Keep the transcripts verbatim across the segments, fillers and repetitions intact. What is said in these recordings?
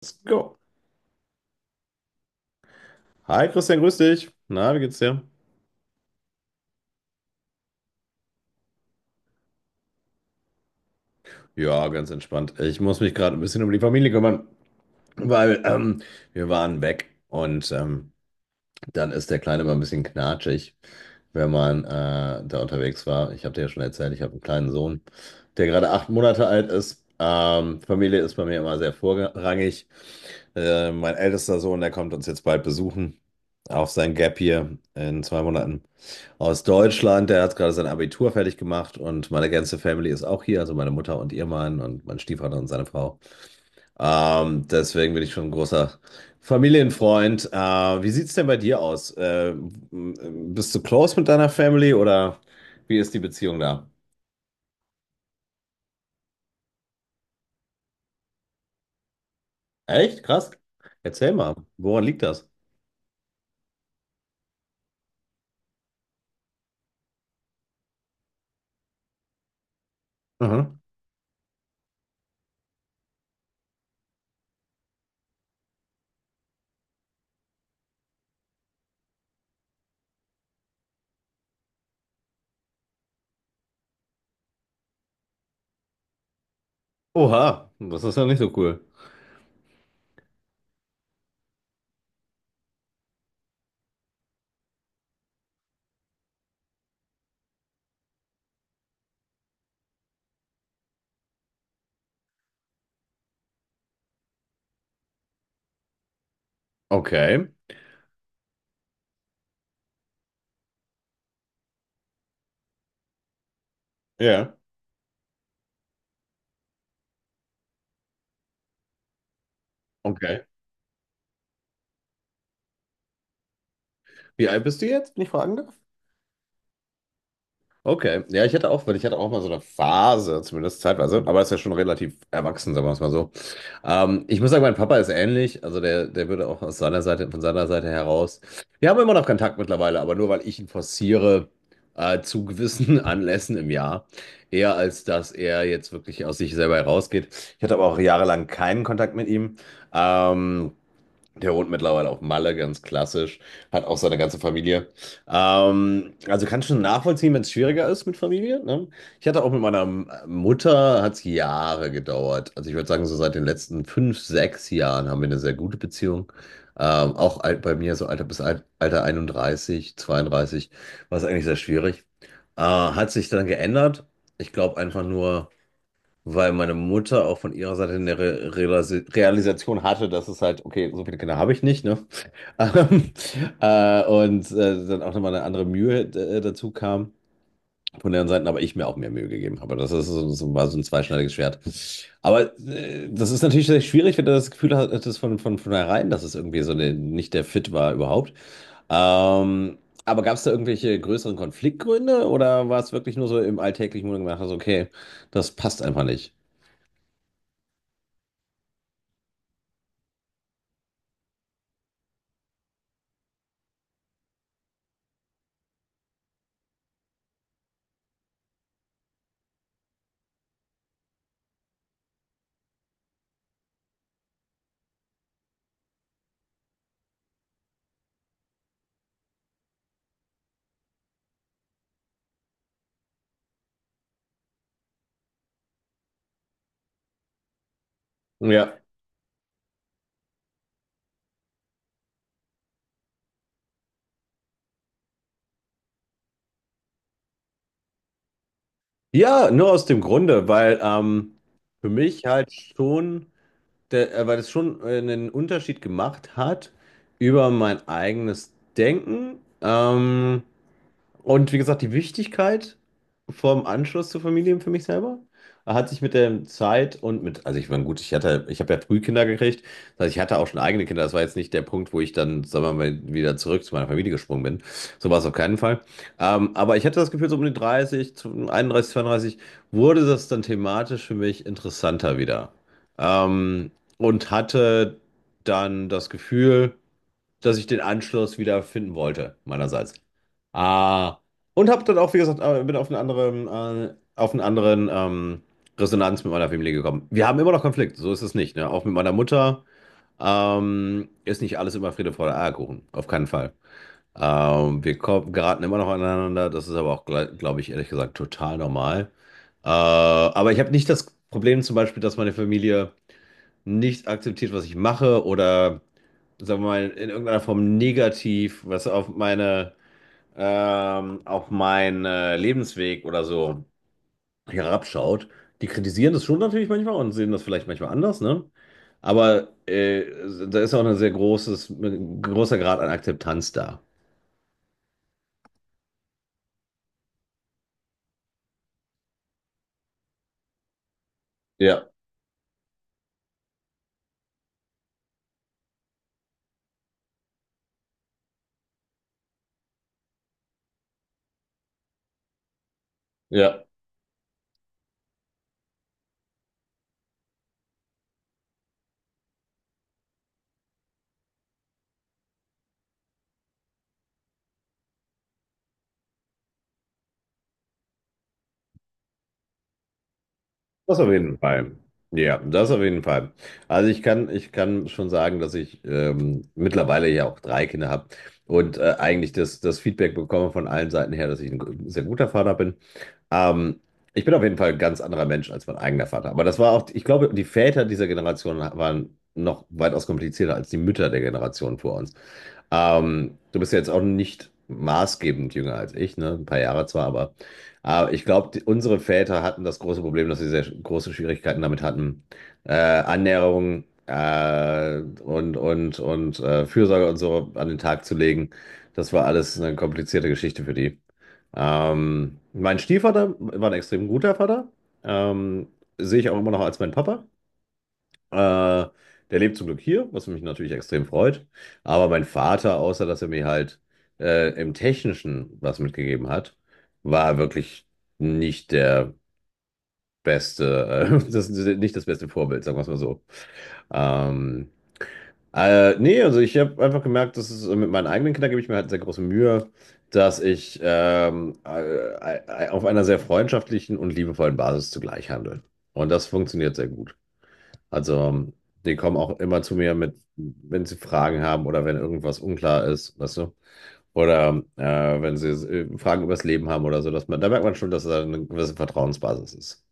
Let's go. Hi Christian, grüß dich. Na, wie geht's dir? Ja, ganz entspannt. Ich muss mich gerade ein bisschen um die Familie kümmern, weil ähm, wir waren weg, und ähm, dann ist der Kleine mal ein bisschen knatschig, wenn man äh, da unterwegs war. Ich habe dir ja schon erzählt, ich habe einen kleinen Sohn, der gerade acht Monate alt ist. Ähm, Familie ist bei mir immer sehr vorrangig. Äh, mein ältester Sohn, der kommt uns jetzt bald besuchen auf sein Gap hier in zwei Monaten, aus Deutschland. Der hat gerade sein Abitur fertig gemacht, und meine ganze Family ist auch hier, also meine Mutter und ihr Mann und mein Stiefvater und seine Frau. Ähm, deswegen bin ich schon ein großer Familienfreund. Äh, wie sieht's denn bei dir aus? Äh, m- bist du close mit deiner Family, oder wie ist die Beziehung da? Echt? Krass. Erzähl mal, woran liegt das? Mhm. Oha, das ist ja nicht so cool. Okay. Ja. Okay. Wie alt bist du jetzt, wenn ich fragen darf? Okay, ja, ich hatte auch, weil ich hatte auch mal so eine Phase, zumindest zeitweise, aber ist ja schon relativ erwachsen, sagen wir es mal so. Ähm, ich muss sagen, mein Papa ist ähnlich, also der, der würde auch aus seiner Seite, von seiner Seite heraus. Wir haben immer noch Kontakt mittlerweile, aber nur weil ich ihn forciere, äh, zu gewissen Anlässen im Jahr, eher als dass er jetzt wirklich aus sich selber herausgeht. Ich hatte aber auch jahrelang keinen Kontakt mit ihm. Ähm, Der wohnt mittlerweile auf Malle, ganz klassisch. Hat auch seine ganze Familie. Ähm, also kann schon nachvollziehen, wenn es schwieriger ist mit Familie. Ne? Ich hatte auch mit meiner Mutter, hat es Jahre gedauert. Also ich würde sagen, so seit den letzten fünf, sechs Jahren haben wir eine sehr gute Beziehung. Ähm, auch alt, bei mir so Alter bis Al- Alter einunddreißig, zweiunddreißig, war es eigentlich sehr schwierig. Äh, hat sich dann geändert. Ich glaube einfach nur, weil meine Mutter auch von ihrer Seite eine Re Realisi- Realisation hatte, dass es halt, okay, so viele Kinder habe ich nicht, ne? Ähm, äh, und äh, dann auch nochmal eine andere Mühe äh, dazu kam von deren Seiten, aber ich mir auch mehr Mühe gegeben habe. Das ist so, so, war so ein zweischneidiges Schwert. Aber äh, das ist natürlich sehr schwierig, wenn du das Gefühl hattest von, von, von herein, dass es irgendwie so eine, nicht der Fit war überhaupt. Ähm, aber gab es da irgendwelche größeren Konfliktgründe, oder war es wirklich nur so im alltäglichen, wo du gedacht hast, okay, das passt einfach nicht? Ja. Ja, nur aus dem Grunde, weil ähm, für mich halt schon, der, äh, weil es schon äh, einen Unterschied gemacht hat über mein eigenes Denken. Ähm, und wie gesagt, die Wichtigkeit vom Anschluss zur Familie für mich selber hat sich mit der Zeit, und mit, also ich meine, gut, ich hatte, ich habe ja früh Kinder gekriegt, das heißt, ich hatte auch schon eigene Kinder. Das war jetzt nicht der Punkt, wo ich dann, sagen wir mal, wieder zurück zu meiner Familie gesprungen bin. So war es auf keinen Fall. Ähm, aber ich hatte das Gefühl, so um die dreißig, zu- einunddreißig, zweiunddreißig wurde das dann thematisch für mich interessanter wieder. Ähm, und hatte dann das Gefühl, dass ich den Anschluss wieder finden wollte, meinerseits. Ah, und habe dann auch, wie gesagt, äh, bin auf einen anderen, äh, auf einen anderen ähm, Resonanz mit meiner Familie gekommen. Wir haben immer noch Konflikt, so ist es nicht. Ne? Auch mit meiner Mutter ähm, ist nicht alles immer Friede, Freude, Eierkuchen, auf keinen Fall. Ähm, wir ko- geraten immer noch aneinander, das ist aber auch, glaube ich, ehrlich gesagt, total normal. Äh, aber ich habe nicht das Problem zum Beispiel, dass meine Familie nicht akzeptiert, was ich mache, oder sagen wir mal, in irgendeiner Form negativ, was auf meine, ähm, auf meinen äh, Lebensweg oder so herabschaut. Die kritisieren das schon natürlich manchmal und sehen das vielleicht manchmal anders, ne? Aber äh, da ist auch ein sehr großes, ein großer Grad an Akzeptanz da. Ja, ja. Das auf jeden Fall. Ja, das auf jeden Fall. Also ich kann, ich kann schon sagen, dass ich ähm, mittlerweile ja auch drei Kinder habe, und äh, eigentlich das, das Feedback bekomme von allen Seiten her, dass ich ein sehr guter Vater bin. Ähm, Ich bin auf jeden Fall ein ganz anderer Mensch als mein eigener Vater. Aber das war auch, ich glaube, die Väter dieser Generation waren noch weitaus komplizierter als die Mütter der Generation vor uns. Ähm, du bist ja jetzt auch nicht maßgebend jünger als ich, ne? Ein paar Jahre zwar, aber äh, ich glaube, unsere Väter hatten das große Problem, dass sie sehr große Schwierigkeiten damit hatten, äh, Annäherung äh, und, und, und äh, Fürsorge und so an den Tag zu legen. Das war alles eine komplizierte Geschichte für die. Ähm, mein Stiefvater war ein extrem guter Vater. Ähm, Sehe ich auch immer noch als mein Papa. Äh, Der lebt zum Glück hier, was mich natürlich extrem freut. Aber mein Vater, außer dass er mir halt äh, im Technischen was mitgegeben hat, war wirklich nicht der beste, äh, das, nicht das beste Vorbild, sagen wir es mal so. Ähm, äh, Nee, also ich habe einfach gemerkt, dass es äh, mit meinen eigenen Kindern gebe ich mir halt sehr große Mühe, dass ich ähm, äh, äh, auf einer sehr freundschaftlichen und liebevollen Basis zugleich handle. Und das funktioniert sehr gut. Also, die kommen auch immer zu mir mit, wenn sie Fragen haben oder wenn irgendwas unklar ist, weißt du? Oder äh, wenn sie äh, Fragen übers Leben haben oder so, dass man, da merkt man schon, dass da eine gewisse Vertrauensbasis ist.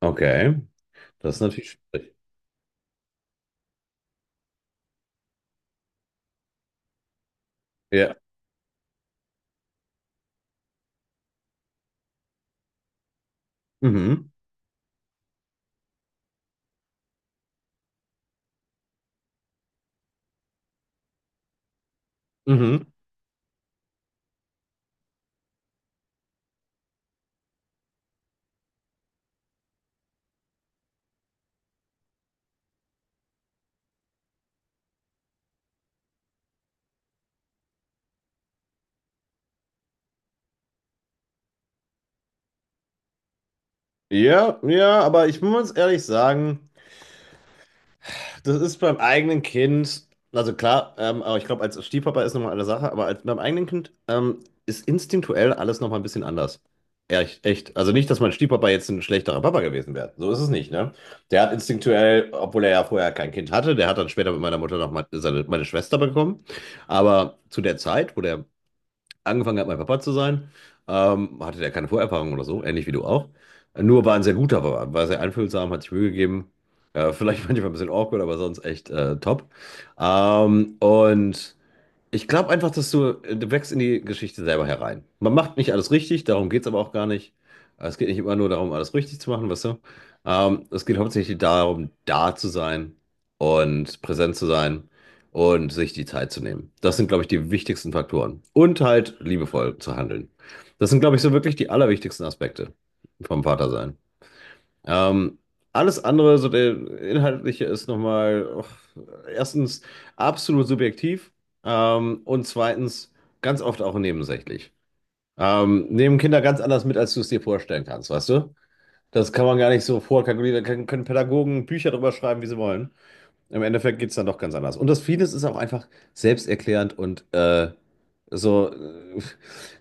Okay, das ist natürlich schwierig. Ja. Mhm. Mhm. Ja, ja, aber ich muss ehrlich sagen, das ist beim eigenen Kind, also klar, ähm, aber ich glaube, als Stiefpapa ist nochmal eine Sache, aber als, beim eigenen Kind ähm, ist instinktuell alles nochmal ein bisschen anders. Echt, echt. Also nicht, dass mein Stiefpapa jetzt ein schlechterer Papa gewesen wäre. So ist es nicht, ne? Der hat instinktuell, obwohl er ja vorher kein Kind hatte, der hat dann später mit meiner Mutter noch mal seine, meine Schwester bekommen. Aber zu der Zeit, wo der angefangen hat, mein Papa zu sein, ähm, hatte der keine Vorerfahrung oder so, ähnlich wie du auch. Nur war ein sehr guter Papa, war sehr einfühlsam, hat sich Mühe gegeben. Äh, vielleicht manchmal ein bisschen awkward, aber sonst echt äh, top. Ähm, und. Ich glaube einfach, dass du, äh, du wächst in die Geschichte selber herein. Man macht nicht alles richtig, darum geht es aber auch gar nicht. Also es geht nicht immer nur darum, alles richtig zu machen, weißt du? Ähm, es geht hauptsächlich darum, da zu sein und präsent zu sein und sich die Zeit zu nehmen. Das sind, glaube ich, die wichtigsten Faktoren. Und halt liebevoll zu handeln. Das sind, glaube ich, so wirklich die allerwichtigsten Aspekte vom Vatersein. Ähm, Alles andere, so der inhaltliche ist nochmal, oh, erstens absolut subjektiv, ähm, und zweitens ganz oft auch nebensächlich. Ähm, nehmen Kinder ganz anders mit, als du es dir vorstellen kannst, weißt du? Das kann man gar nicht so vorkalkulieren. Da können, können Pädagogen Bücher drüber schreiben, wie sie wollen. Im Endeffekt geht es dann doch ganz anders. Und das vieles ist auch einfach selbsterklärend und äh, so, äh,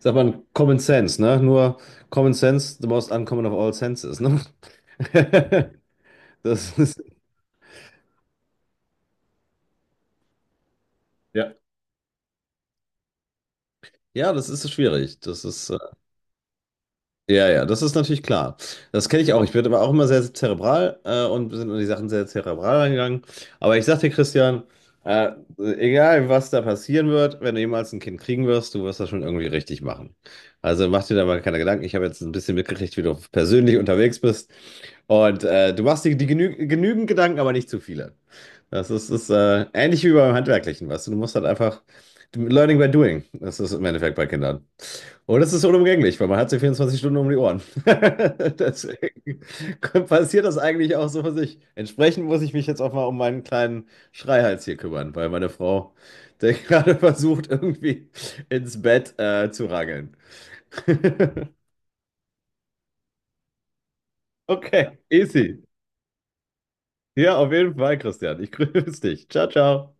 sagt man, Common Sense, ne? Nur Common Sense, the most uncommon of all senses, ne? Das ist, ja. Ja, das ist so schwierig. Das ist, äh, Ja, ja, das ist natürlich klar. Das kenne ich auch. Ich bin aber auch immer sehr zerebral, äh, und sind an die Sachen sehr zerebral angegangen. Aber ich sag dir, Christian, äh, egal was da passieren wird, wenn du jemals ein Kind kriegen wirst, du wirst das schon irgendwie richtig machen. Also mach dir da mal keine Gedanken. Ich habe jetzt ein bisschen mitgekriegt, wie du persönlich unterwegs bist. Und äh, du machst dir die genü genügend Gedanken, aber nicht zu viele. Das ist, ist äh, ähnlich wie beim Handwerklichen, weißt du. Du musst halt einfach Learning by doing. Das ist im Endeffekt bei Kindern. Und das ist unumgänglich, weil man hat sie vierundzwanzig Stunden um die Ohren. Deswegen passiert das eigentlich auch so für sich. Entsprechend muss ich mich jetzt auch mal um meinen kleinen Schreihals hier kümmern, weil meine Frau, der gerade versucht, irgendwie ins Bett äh, zu rangeln. Okay, easy. Ja, auf jeden Fall, Christian. Ich grüße dich. Ciao, ciao.